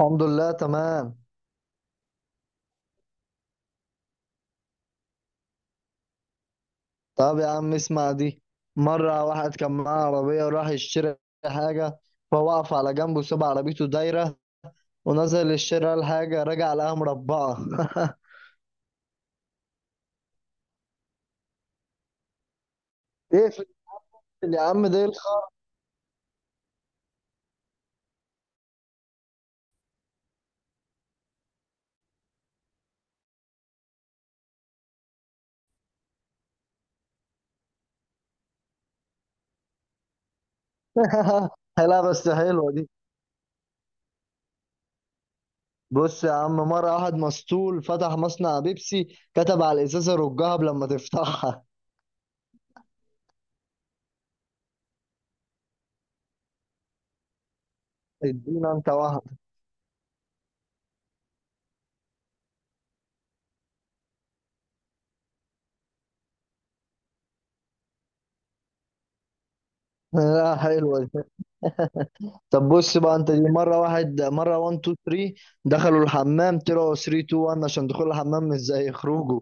الحمد لله تمام. طب يا عم اسمع دي. مرة واحد كان معاه عربية وراح يشتري حاجة، فوقف على جنبه ساب عربيته دايرة ونزل يشتري الحاجة، رجع لقاها مربعة. ايه في يا عم ده؟ إيه الخ-؟ لا بس حلوة دي. بص يا عم، مرة واحد مسطول فتح مصنع بيبسي، كتب على الإزازة رجها لما تفتحها. ادينا انت واحد. لا حلوة دي. طب بص بقى انت دي. مره واحد 1 2 3 دخلوا الحمام، طلعوا 3 2 1 عشان دخول الحمام مش زي خروجه.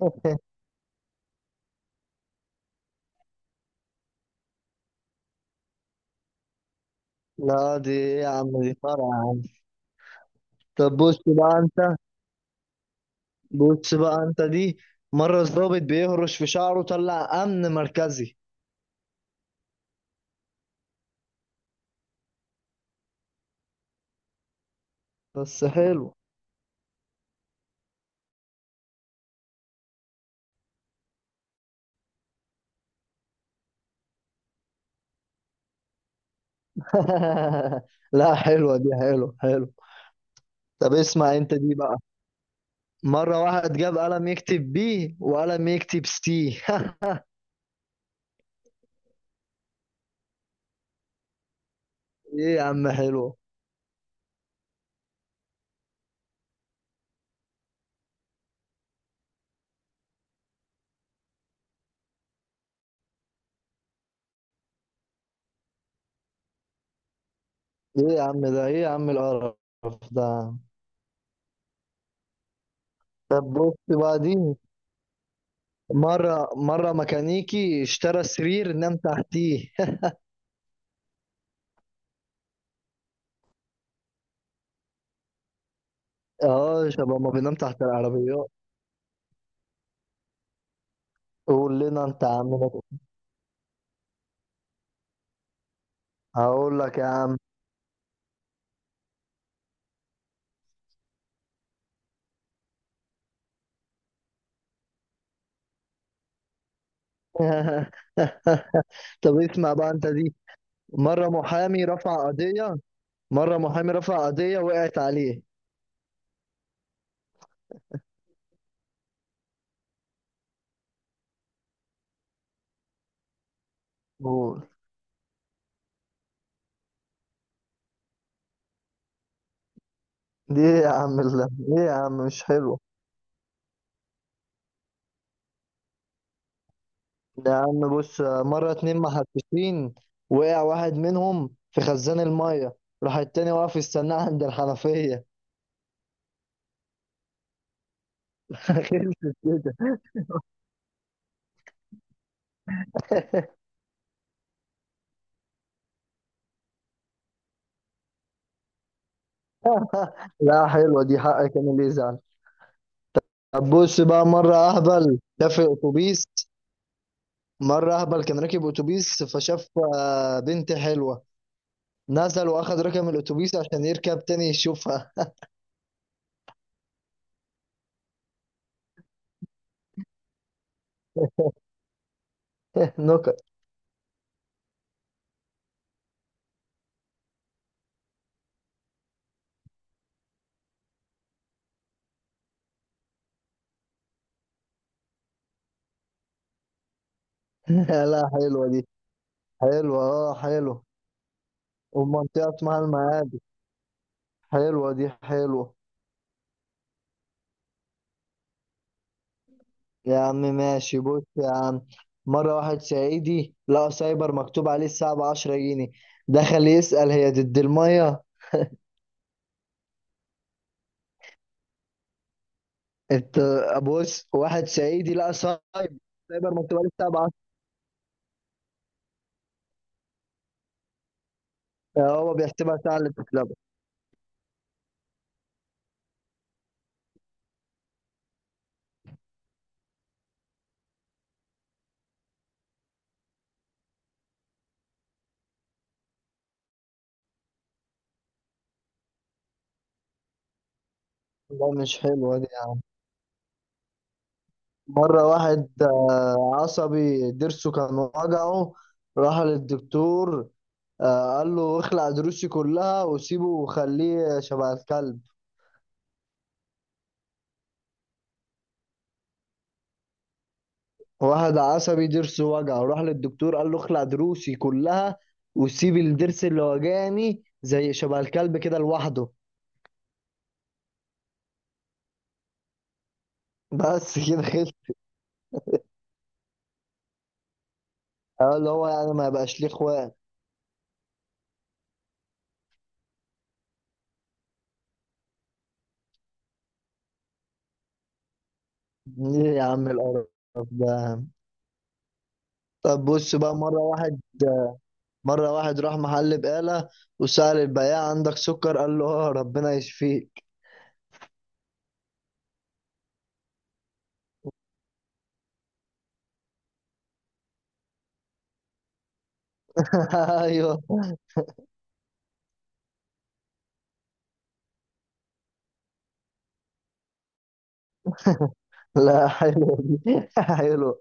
لا دي ايه يا عم؟ دي فرع يا عم. طب بص بقى انت. بص بقى انت دي. مره الضابط بيهرش في شعره طلع امن مركزي. بس حلو. لا حلوه دي، حلو حلو. طب اسمع انت دي بقى. مره واحد جاب قلم يكتب بي وقلم يكتب سي. ايه يا عم حلو. ايه يا عم ده؟ ايه يا عم القرف ده؟ طب بص بقى دي. مرة ميكانيكي اشترى سرير نام تحتيه. اه، شباب ما بينام تحت العربيات. قول لنا انت يا عم ده. هقول لك يا عم. طب اسمع بقى انت دي. مرة محامي رفع قضية مرة محامي رفع قضية وقعت عليه. قول. دي ايه يا عم؟ الله، ايه يا عم مش حلو. يا عم بص، مرة اتنين محششين وقع واحد منهم في خزان المية، راح التاني واقف يستناه عند الحنفية. خلصت كده. لا حلوة دي، حقك انا اللي يزعل. طب بص بقى، مرة اهبل ده في اتوبيس. مرة اهبل كان راكب اتوبيس فشاف بنت حلوة، نزل واخد رقم الاتوبيس عشان يركب تاني يشوفها. نكت. لا حلوة دي، حلوة. اه حلو. ومنطقة اسمها المعادي. حلوة دي، حلوة. يا عم ماشي، بص يا عم، مرة واحد صعيدي لقى سايبر مكتوب عليه الساعة بعشرة جنيه، دخل يسأل هي ضد المية. انت بص، واحد صعيدي لقى سايب، سايبر مكتوب عليه الساعة بعشرة. هو بيحسبها ساعة اللي بتتلعب. لا مش حلوة دي يعني. مرة واحد عصبي ضرسه كان وجعه، راح للدكتور، قال له اخلع ضروسي كلها وسيبه وخليه شبه الكلب. واحد عصبي ضرسه وجعه راح للدكتور قال له اخلع ضروسي كلها وسيب الضرس اللي وجعني زي شبه الكلب كده لوحده. بس كده خلص. قال له هو يعني ما يبقاش ليه اخوات. ايه يا عم القرف ده يا عم؟ طب بص بقى مرة واحد راح محل بقالة وسأل البياع عندك سكر، قال له اه ربنا يشفيك. ايوه. لا حلو دي، حلو.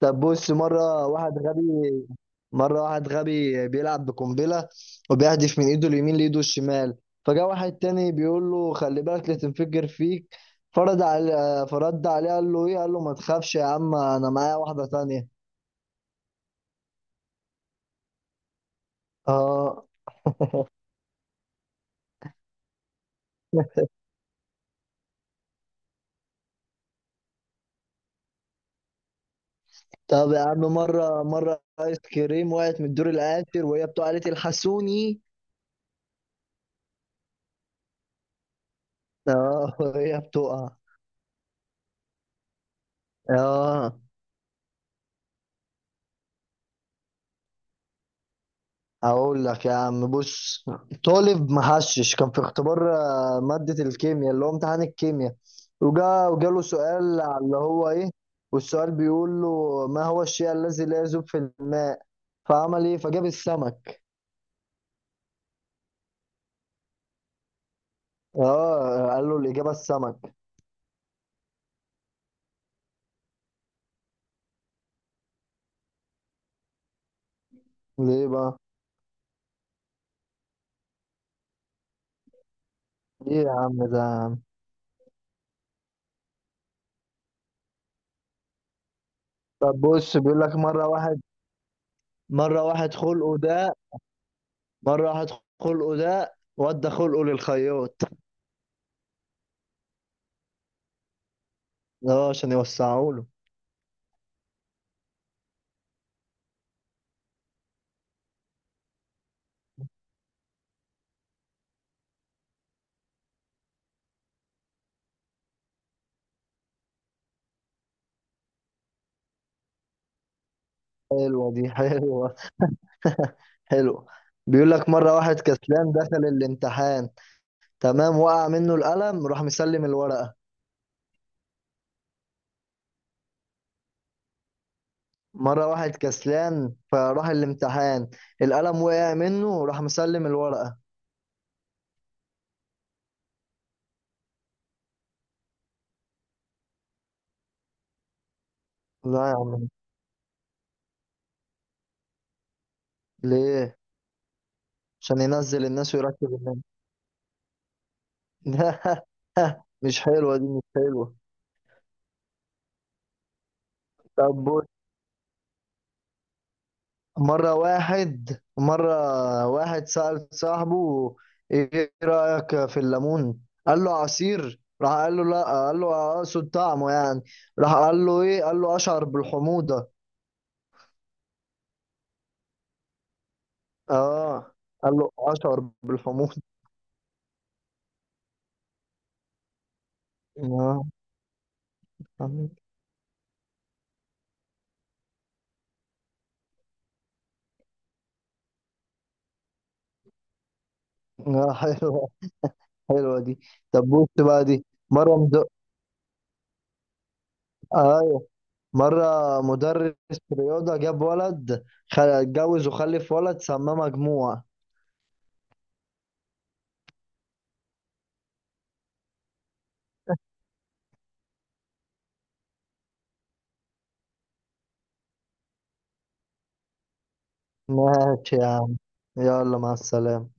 طب بص، مرة واحد غبي بيلعب بقنبلة، وبيهدف من ايده اليمين لايده الشمال، فجاء واحد تاني بيقول له خلي بالك لا تنفجر فيك. فرد عليه قال له ايه، قال له ما تخافش يا عم انا معايا واحدة تانية. اه. طب يا عم، مرة آيس كريم وقعت من الدور الآخر وهي بتقع قالت الحسوني. اه وهي بتقع. اه. أقول لك يا عم، بص، طالب محشش كان في اختبار مادة الكيمياء اللي هو امتحان الكيمياء، وجاله سؤال على اللي هو إيه. والسؤال بيقول له ما هو الشيء الذي لا يذوب في الماء، فعمل إيه، فجاب السمك. اه قال له الإجابة السمك. ليه بقى؟ ليه يا عم ده؟ طب بص، بيقول لك مرة واحد خلقه ده مرة واحد خلقه ده ودى خلقه للخياط. اه عشان يوسعه له. حلوة دي، حلوة، حلوة. بيقول لك مرة واحد كسلان دخل الامتحان، تمام، وقع منه القلم راح مسلم الورقة. مرة واحد كسلان فراح الامتحان، القلم وقع منه راح مسلم الورقة. لا يا عم. ليه؟ عشان ينزل الناس ويرتب الناس. لا مش حلوة دي، مش حلوة. طب، مرة واحد سأل صاحبه إيه رأيك في الليمون؟ قال له عصير، راح قال له لا، قال له أقصد طعمه يعني. راح قال له إيه؟ قال له أشعر بالحموضة. آه قال له أشعر بالحموضة. آه. آه حلوة، حلوة دي. طب بص بقى دي، مرة مد... أيوه، مرة مدرس رياضة جاب ولد، خ- اتجوز وخلف ولد سماه مجموع. ماشي يا عم، يلا مع السلامة.